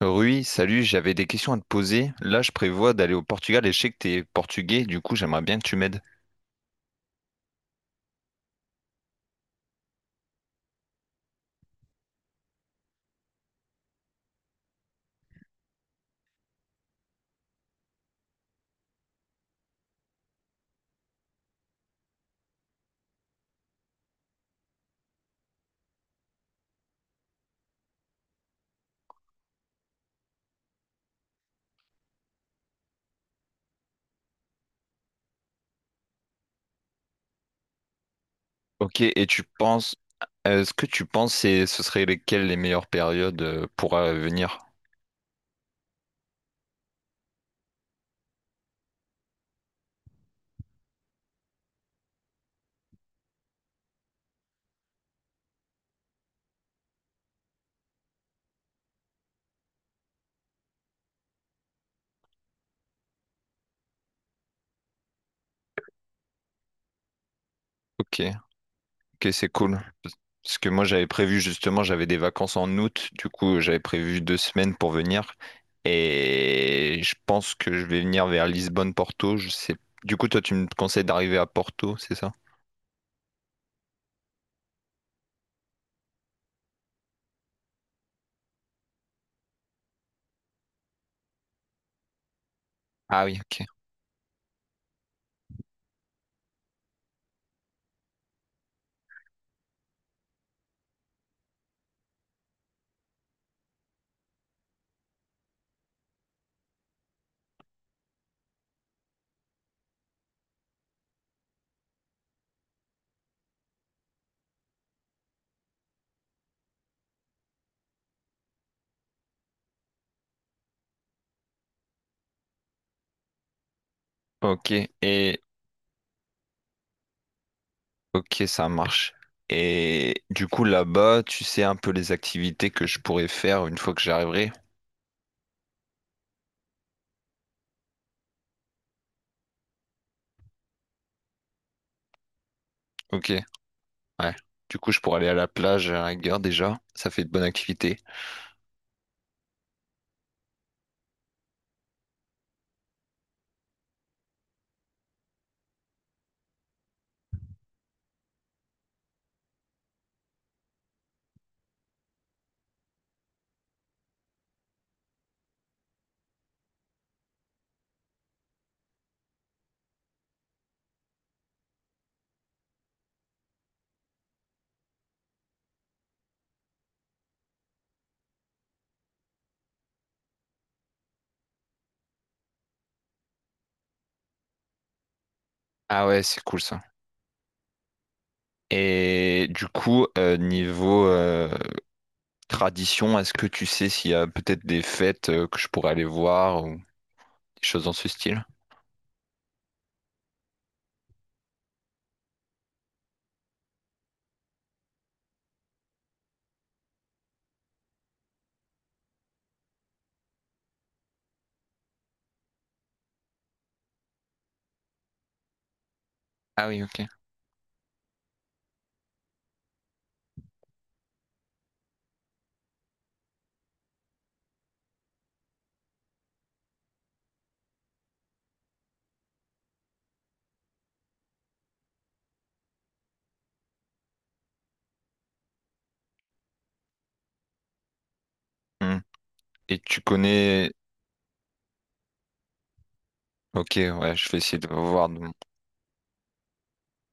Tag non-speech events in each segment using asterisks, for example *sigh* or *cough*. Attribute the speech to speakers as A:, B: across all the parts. A: Rui, salut, j'avais des questions à te poser. Là, je prévois d'aller au Portugal et je sais que t'es portugais, du coup, j'aimerais bien que tu m'aides. Ok, et tu penses, est-ce que tu penses que ce serait lesquelles les meilleures périodes pour venir? Ok. Ok, c'est cool. Parce que moi, j'avais prévu justement, j'avais des vacances en août. Du coup, j'avais prévu 2 semaines pour venir. Et je pense que je vais venir vers Lisbonne-Porto. Je sais. Du coup, toi, tu me conseilles d'arriver à Porto, c'est ça? Ah oui, ok. Ok, et ok, ça marche. Et du coup, là-bas, tu sais un peu les activités que je pourrais faire une fois que j'arriverai. Ok, ouais. Du coup, je pourrais aller à la plage à la rigueur déjà. Ça fait de bonnes activités. Ah ouais, c'est cool ça. Et du coup, niveau tradition, est-ce que tu sais s'il y a peut-être des fêtes que je pourrais aller voir ou des choses dans ce style? Ah oui, ok. Hmm. Et tu connais... Ok, ouais, je vais essayer de voir. Donc.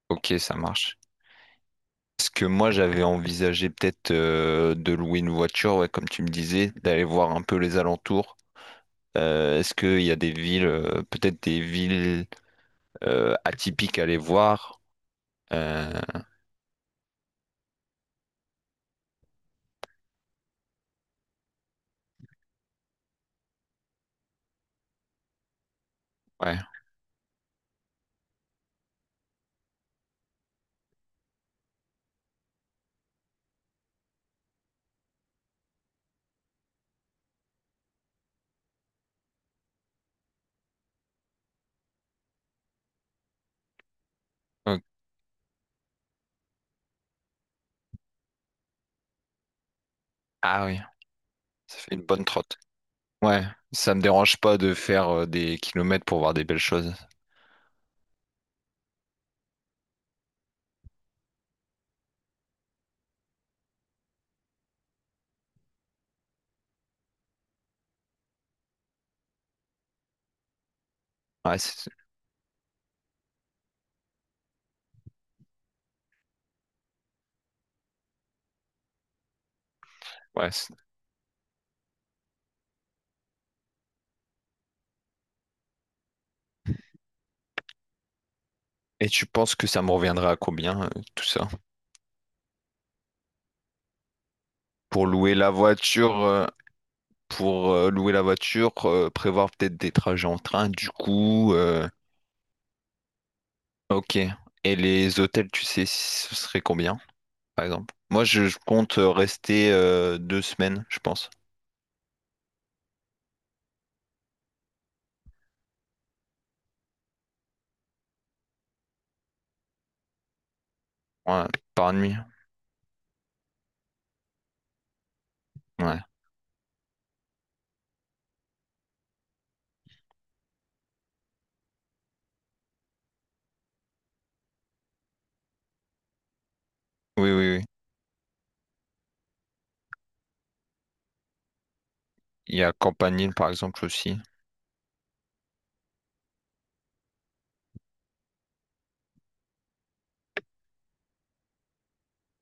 A: Ok, ça marche. Parce que moi, j'avais envisagé peut-être de louer une voiture, ouais, comme tu me disais, d'aller voir un peu les alentours. Est-ce qu'il y a des villes, peut-être des villes atypiques à aller voir? Euh, ouais. Ok. Ah oui, ça fait une bonne trotte. Ouais, ça me dérange pas de faire des kilomètres pour voir des belles choses. Ouais, c'est- ouais, c'est- Et tu penses que ça me reviendra à combien, tout ça? Pour louer la voiture, euh, pour louer la voiture, prévoir peut-être des trajets en train, du coup. Ok. Et les hôtels, tu sais, ce serait combien, par exemple? Moi, je compte rester 2 semaines, je pense. Ouais, par nuit. Ouais. Oui, oui, oui. Il y a Campanile, par exemple, aussi.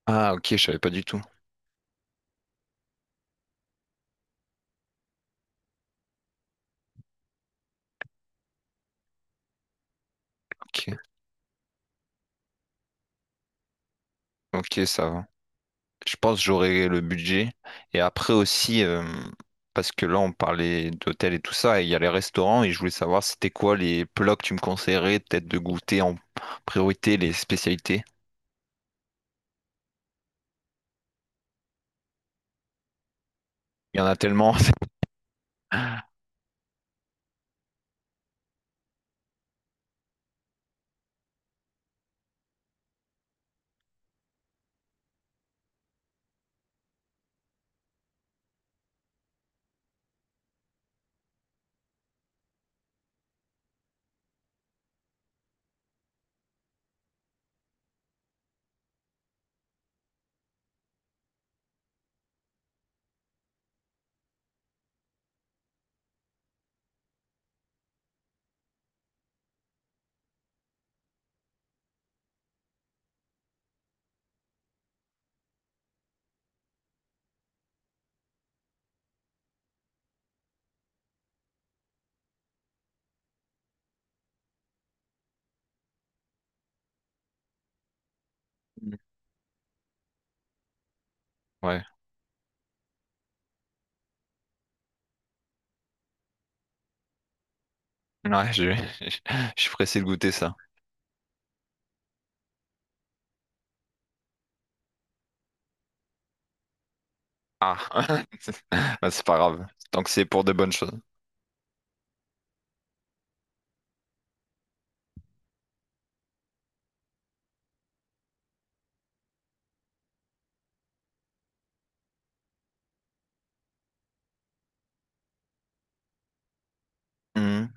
A: Ah, ok, je savais pas du tout. Ok, ok, ça va. Je pense que j'aurai le budget. Et après aussi, parce que là, on parlait d'hôtel et tout ça, et il y a les restaurants, et je voulais savoir c'était quoi les plats que tu me conseillerais, peut-être de goûter en priorité les spécialités. Il y en a tellement. *laughs* Ouais, ouais, je, *laughs* je suis pressé de goûter ça. Ah, *laughs* bah, c'est pas grave. Tant que c'est pour de bonnes choses. Mhm.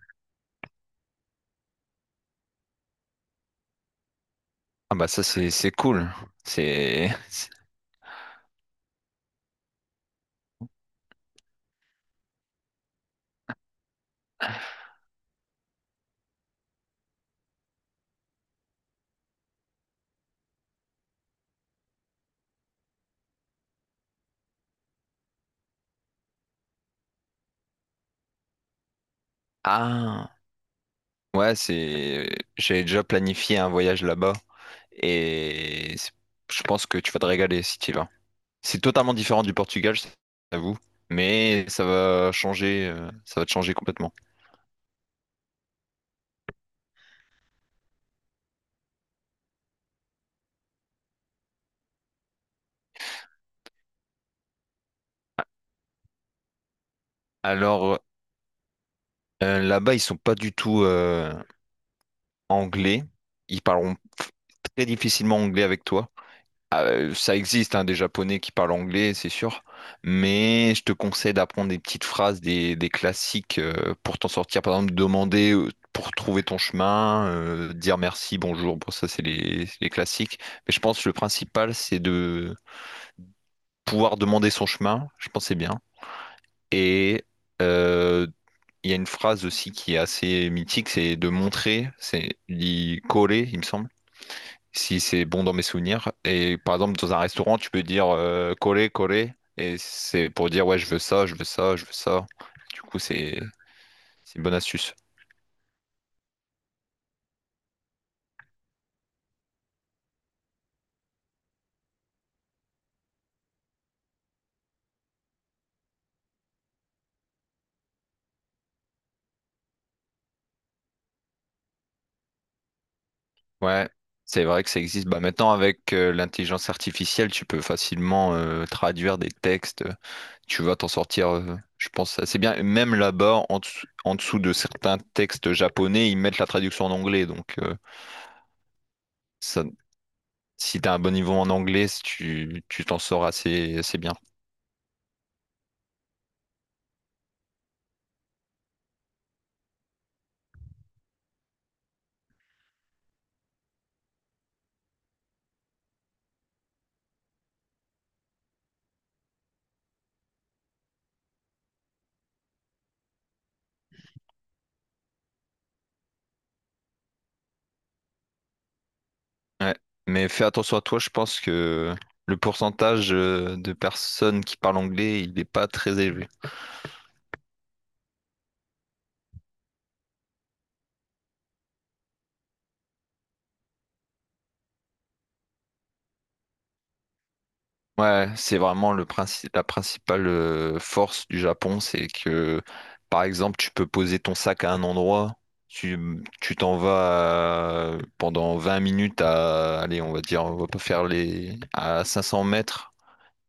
A: Ah bah ça c'est cool. C'est *laughs* Ah, ouais, c'est. J'ai déjà planifié un voyage là-bas et c'est- je pense que tu vas te régaler si tu y vas. C'est totalement différent du Portugal, je t'avoue, mais ça va te changer complètement. Alors là-bas, ils sont pas du tout anglais. Ils parleront très difficilement anglais avec toi. Ah, ça existe hein, des Japonais qui parlent anglais, c'est sûr, mais je te conseille d'apprendre des petites phrases, des classiques pour t'en sortir. Par exemple, demander pour trouver ton chemin, dire merci, bonjour. Bon, ça, c'est les classiques. Mais je pense que le principal, c'est de pouvoir demander son chemin. Je pense que c'est bien. Et euh, il y a une phrase aussi qui est assez mythique, c'est de montrer, c'est dit coller, il me semble si c'est bon dans mes souvenirs. Et par exemple, dans un restaurant, tu peux dire coller, coller, et c'est pour dire ouais, je veux ça, je veux ça, je veux ça. Du coup, c'est une bonne astuce. Ouais, c'est vrai que ça existe. Bah, maintenant, avec l'intelligence artificielle, tu peux facilement traduire des textes. Tu vas t'en sortir, je pense, assez bien. Même là-bas, en dessous de certains textes japonais, ils mettent la traduction en anglais. Donc, ça, si tu as un bon niveau en anglais, tu t'en sors assez bien. Ouais. Mais fais attention à toi, je pense que le pourcentage de personnes qui parlent anglais, il n'est pas très élevé. Ouais, c'est vraiment le princi- la principale force du Japon, c'est que, par exemple, tu peux poser ton sac à un endroit, tu tu t'en vas pendant 20 minutes à, allez, on va dire, on va pas faire les, à 500 mètres,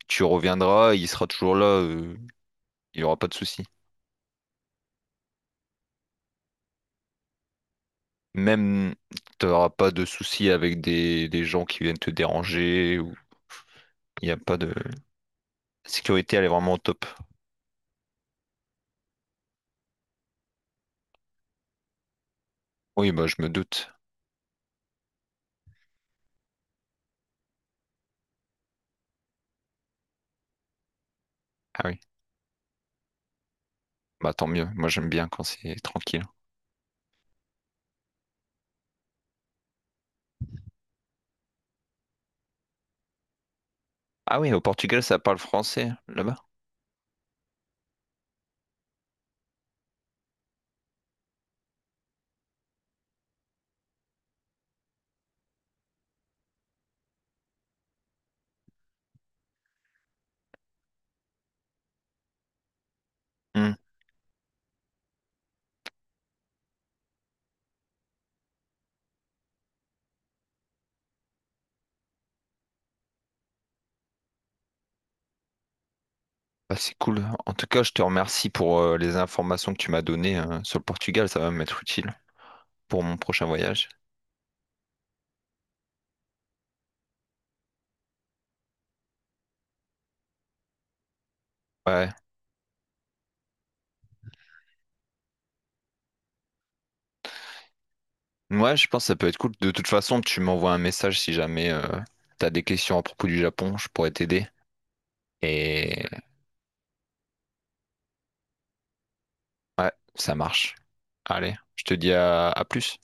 A: tu reviendras, il sera toujours là, il n'y aura pas de souci. Même, t'auras pas de soucis avec des gens qui viennent te déranger ou il n'y a pas de... La sécurité, elle est vraiment au top. Oui, bah je me doute. Ah oui, bah tant mieux. Moi, j'aime bien quand c'est tranquille. Ah oui, au Portugal, ça parle français, là-bas? Hmm. Bah, c'est cool. En tout cas, je te remercie pour les informations que tu m'as données sur le Portugal. Ça va m'être utile pour mon prochain voyage. Ouais. Ouais, je pense que ça peut être cool. De toute façon, tu m'envoies un message si jamais t'as des questions à propos du Japon. Je pourrais t'aider. Et ouais, ça marche. Allez, je te dis à plus.